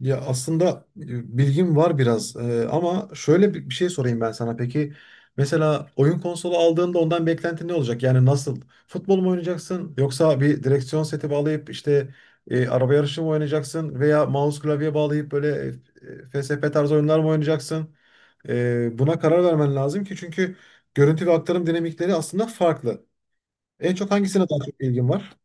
Ya aslında bilgim var biraz ama şöyle bir şey sorayım ben sana. Peki mesela oyun konsolu aldığında ondan beklentin ne olacak? Yani nasıl? Futbol mu oynayacaksın yoksa bir direksiyon seti bağlayıp işte araba yarışı mı oynayacaksın veya mouse klavye bağlayıp böyle FSP tarzı oyunlar mı oynayacaksın? Buna karar vermen lazım ki çünkü görüntü ve aktarım dinamikleri aslında farklı. En çok hangisine daha çok ilgin var?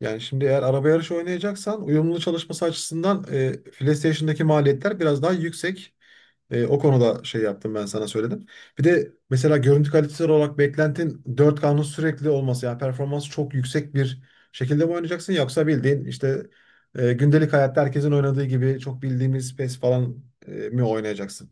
Yani şimdi eğer araba yarışı oynayacaksan uyumlu çalışması açısından PlayStation'daki maliyetler biraz daha yüksek. O konuda şey yaptım ben sana söyledim. Bir de mesela görüntü kalitesi olarak beklentin 4K'nın sürekli olması yani performans çok yüksek bir şekilde mi oynayacaksın yoksa bildiğin işte gündelik hayatta herkesin oynadığı gibi çok bildiğimiz PES falan mi oynayacaksın?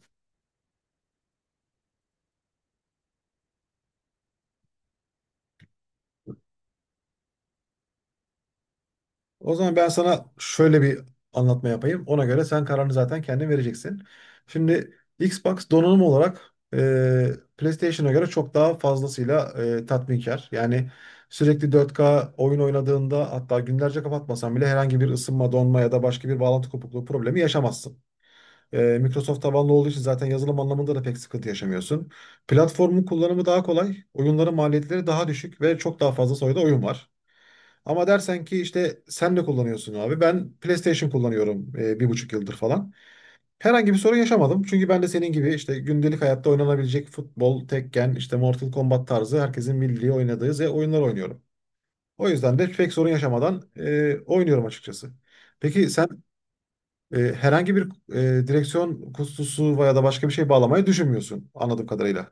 O zaman ben sana şöyle bir anlatma yapayım. Ona göre sen kararını zaten kendin vereceksin. Şimdi Xbox donanım olarak PlayStation'a göre çok daha fazlasıyla tatminkar. Yani sürekli 4K oyun oynadığında hatta günlerce kapatmasan bile herhangi bir ısınma, donma ya da başka bir bağlantı kopukluğu problemi yaşamazsın. Microsoft tabanlı olduğu için zaten yazılım anlamında da pek sıkıntı yaşamıyorsun. Platformun kullanımı daha kolay, oyunların maliyetleri daha düşük ve çok daha fazla sayıda oyun var. Ama dersen ki işte sen ne kullanıyorsun abi? Ben PlayStation kullanıyorum bir buçuk yıldır falan. Herhangi bir sorun yaşamadım. Çünkü ben de senin gibi işte gündelik hayatta oynanabilecek futbol, Tekken, işte Mortal Kombat tarzı herkesin bildiği oynadığı oyunlar oynuyorum. O yüzden de pek sorun yaşamadan oynuyorum açıkçası. Peki sen herhangi bir direksiyon kutusu veya da başka bir şey bağlamayı düşünmüyorsun anladığım kadarıyla.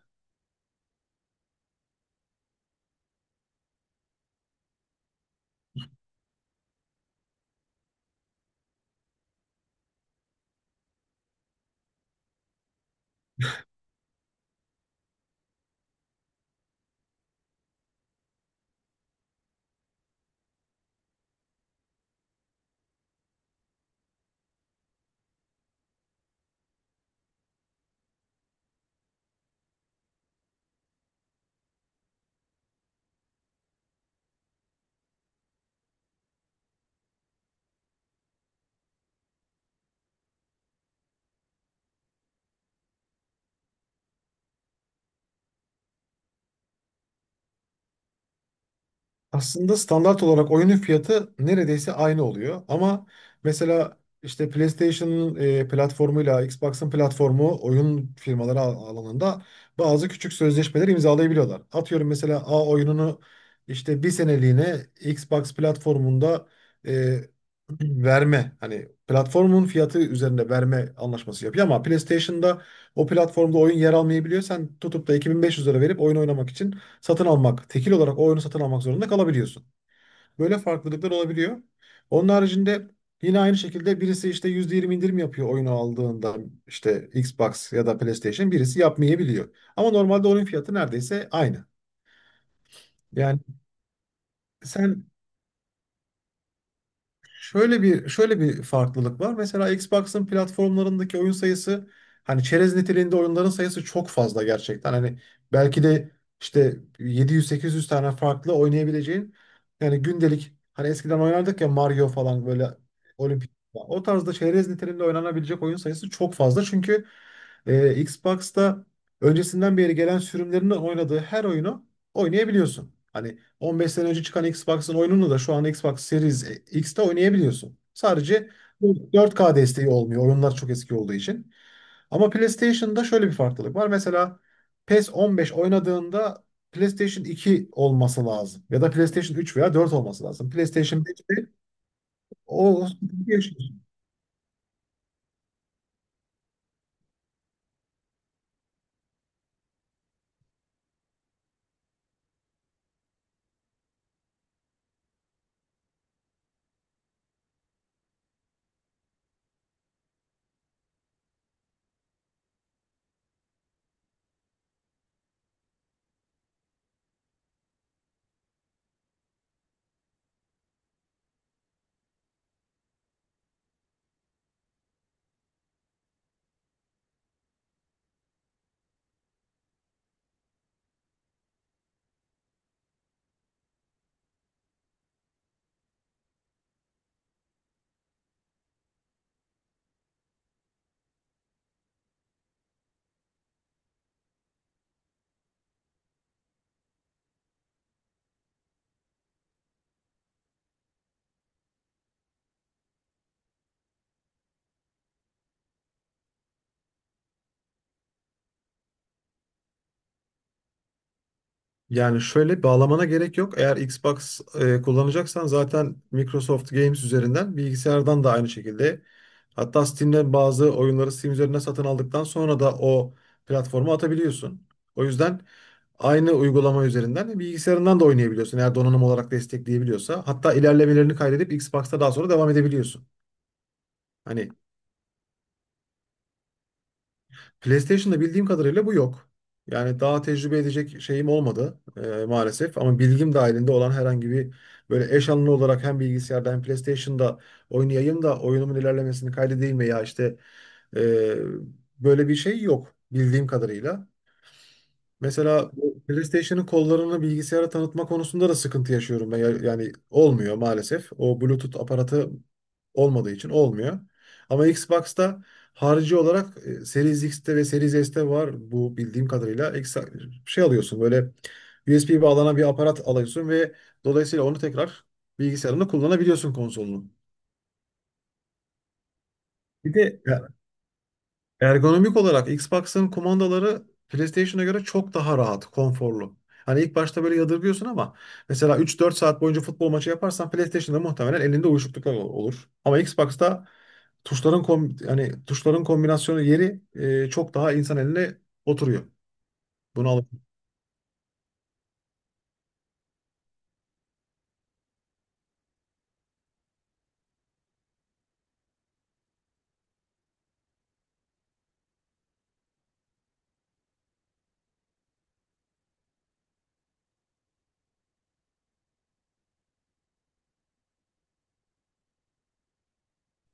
Aslında standart olarak oyunun fiyatı neredeyse aynı oluyor. Ama mesela işte PlayStation'ın platformuyla Xbox'ın platformu oyun firmaları alanında bazı küçük sözleşmeler imzalayabiliyorlar. Atıyorum mesela A oyununu işte bir seneliğine Xbox platformunda e, verme hani platformun fiyatı üzerinde verme anlaşması yapıyor ama PlayStation'da o platformda oyun yer almayabiliyor. Sen tutup da 2500 lira verip oyun oynamak için satın almak, tekil olarak o oyunu satın almak zorunda kalabiliyorsun. Böyle farklılıklar olabiliyor. Onun haricinde yine aynı şekilde birisi işte %20 indirim yapıyor oyunu aldığında işte Xbox ya da PlayStation birisi yapmayabiliyor. Ama normalde oyun fiyatı neredeyse aynı. Yani sen şöyle bir farklılık var. Mesela Xbox'ın platformlarındaki oyun sayısı hani çerez niteliğinde oyunların sayısı çok fazla gerçekten. Hani belki de işte 700-800 tane farklı oynayabileceğin yani gündelik hani eskiden oynardık ya Mario falan böyle olimpik o tarzda çerez niteliğinde oynanabilecek oyun sayısı çok fazla. Çünkü Xbox'ta öncesinden beri gelen sürümlerinin oynadığı her oyunu oynayabiliyorsun. Hani 15 sene önce çıkan Xbox'ın oyununu da şu an Xbox Series X'te oynayabiliyorsun. Sadece 4K desteği olmuyor. Oyunlar çok eski olduğu için. Ama PlayStation'da şöyle bir farklılık var. Mesela PES 15 oynadığında PlayStation 2 olması lazım. Ya da PlayStation 3 veya 4 olması lazım. PlayStation 5'te o. Yani şöyle bağlamana gerek yok. Eğer Xbox kullanacaksan zaten Microsoft Games üzerinden bilgisayardan da aynı şekilde. Hatta Steam'den bazı oyunları Steam üzerinden satın aldıktan sonra da o platforma atabiliyorsun. O yüzden aynı uygulama üzerinden bilgisayarından da oynayabiliyorsun. Eğer donanım olarak destekleyebiliyorsa. Hatta ilerlemelerini kaydedip Xbox'ta daha sonra devam edebiliyorsun. Hani PlayStation'da bildiğim kadarıyla bu yok. Yani daha tecrübe edecek şeyim olmadı maalesef. Ama bilgim dahilinde olan herhangi bir böyle eş anlı olarak hem bilgisayarda hem PlayStation'da oynayayım da oyunumun ilerlemesini kaydedeyim veya işte e, böyle bir şey yok bildiğim kadarıyla. Mesela bu PlayStation'ın kollarını bilgisayara tanıtma konusunda da sıkıntı yaşıyorum ben. Yani olmuyor maalesef. O Bluetooth aparatı olmadığı için olmuyor. Ama Xbox'ta harici olarak Series X'te ve Series S'te var bu bildiğim kadarıyla. Şey alıyorsun böyle USB bağlanan bir aparat alıyorsun ve dolayısıyla onu tekrar bilgisayarında kullanabiliyorsun konsolunu. Bir de ergonomik olarak Xbox'ın kumandaları PlayStation'a göre çok daha rahat, konforlu. Hani ilk başta böyle yadırgıyorsun ama mesela 3-4 saat boyunca futbol maçı yaparsan PlayStation'da muhtemelen elinde uyuşukluklar olur. Ama Xbox'ta tuşların kombinasyonu yeri çok daha insan eline oturuyor. Bunu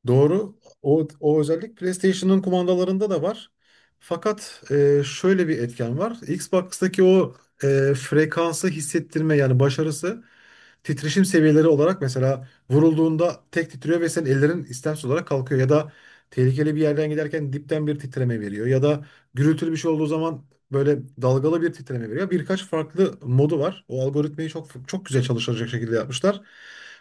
Doğru. O özellik PlayStation'ın kumandalarında da var. Fakat şöyle bir etken var. Xbox'taki o frekansı hissettirme yani başarısı titreşim seviyeleri olarak mesela vurulduğunda tek titriyor ve senin ellerin istemsiz olarak kalkıyor ya da tehlikeli bir yerden giderken dipten bir titreme veriyor ya da gürültülü bir şey olduğu zaman böyle dalgalı bir titreme veriyor. Birkaç farklı modu var. O algoritmayı çok çok güzel çalışacak şekilde yapmışlar.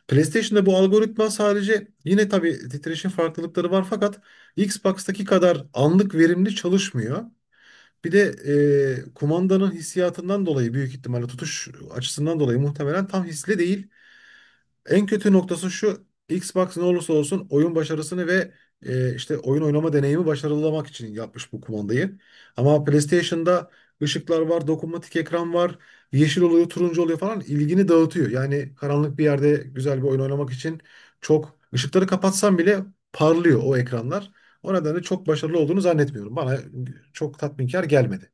PlayStation'da bu algoritma sadece yine tabii titreşim farklılıkları var fakat Xbox'taki kadar anlık verimli çalışmıyor. Bir de kumandanın hissiyatından dolayı büyük ihtimalle tutuş açısından dolayı muhtemelen tam hisli değil. En kötü noktası şu. Xbox ne olursa olsun oyun başarısını ve işte oyun oynama deneyimi başarılamak için yapmış bu kumandayı. Ama PlayStation'da ışıklar var, dokunmatik ekran var, yeşil oluyor, turuncu oluyor falan ilgini dağıtıyor. Yani karanlık bir yerde güzel bir oyun oynamak için çok ışıkları kapatsam bile parlıyor o ekranlar. O nedenle çok başarılı olduğunu zannetmiyorum. Bana çok tatminkar gelmedi.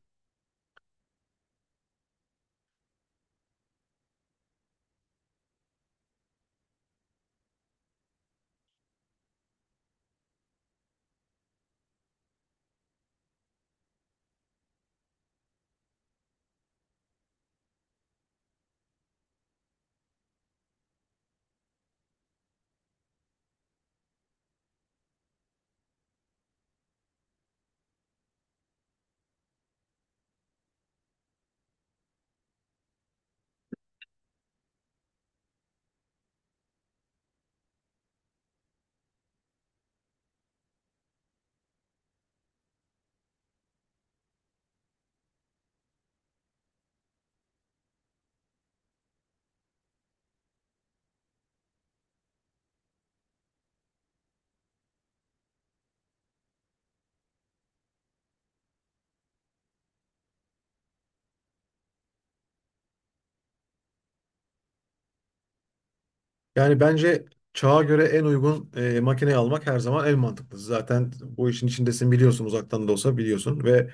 Yani bence çağa göre en uygun makineyi almak her zaman en mantıklısı. Zaten bu işin içindesin biliyorsun uzaktan da olsa biliyorsun ve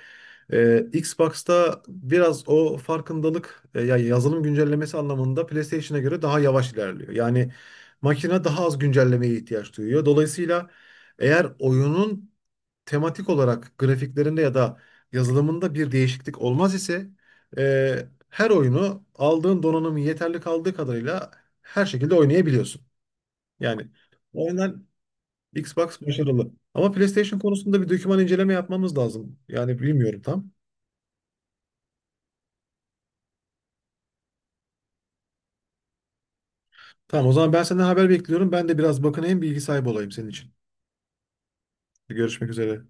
Xbox'ta biraz o farkındalık ya yazılım güncellemesi anlamında PlayStation'a göre daha yavaş ilerliyor. Yani makine daha az güncellemeye ihtiyaç duyuyor. Dolayısıyla eğer oyunun tematik olarak grafiklerinde ya da yazılımında bir değişiklik olmaz ise her oyunu aldığın donanımın yeterli kaldığı kadarıyla her şekilde oynayabiliyorsun. Yani o yüzden Xbox başarılı. Ama PlayStation konusunda bir doküman inceleme yapmamız lazım. Yani bilmiyorum tam. Tamam o zaman ben senden haber bekliyorum. Ben de biraz bakınayım bilgi sahibi olayım senin için. Görüşmek üzere.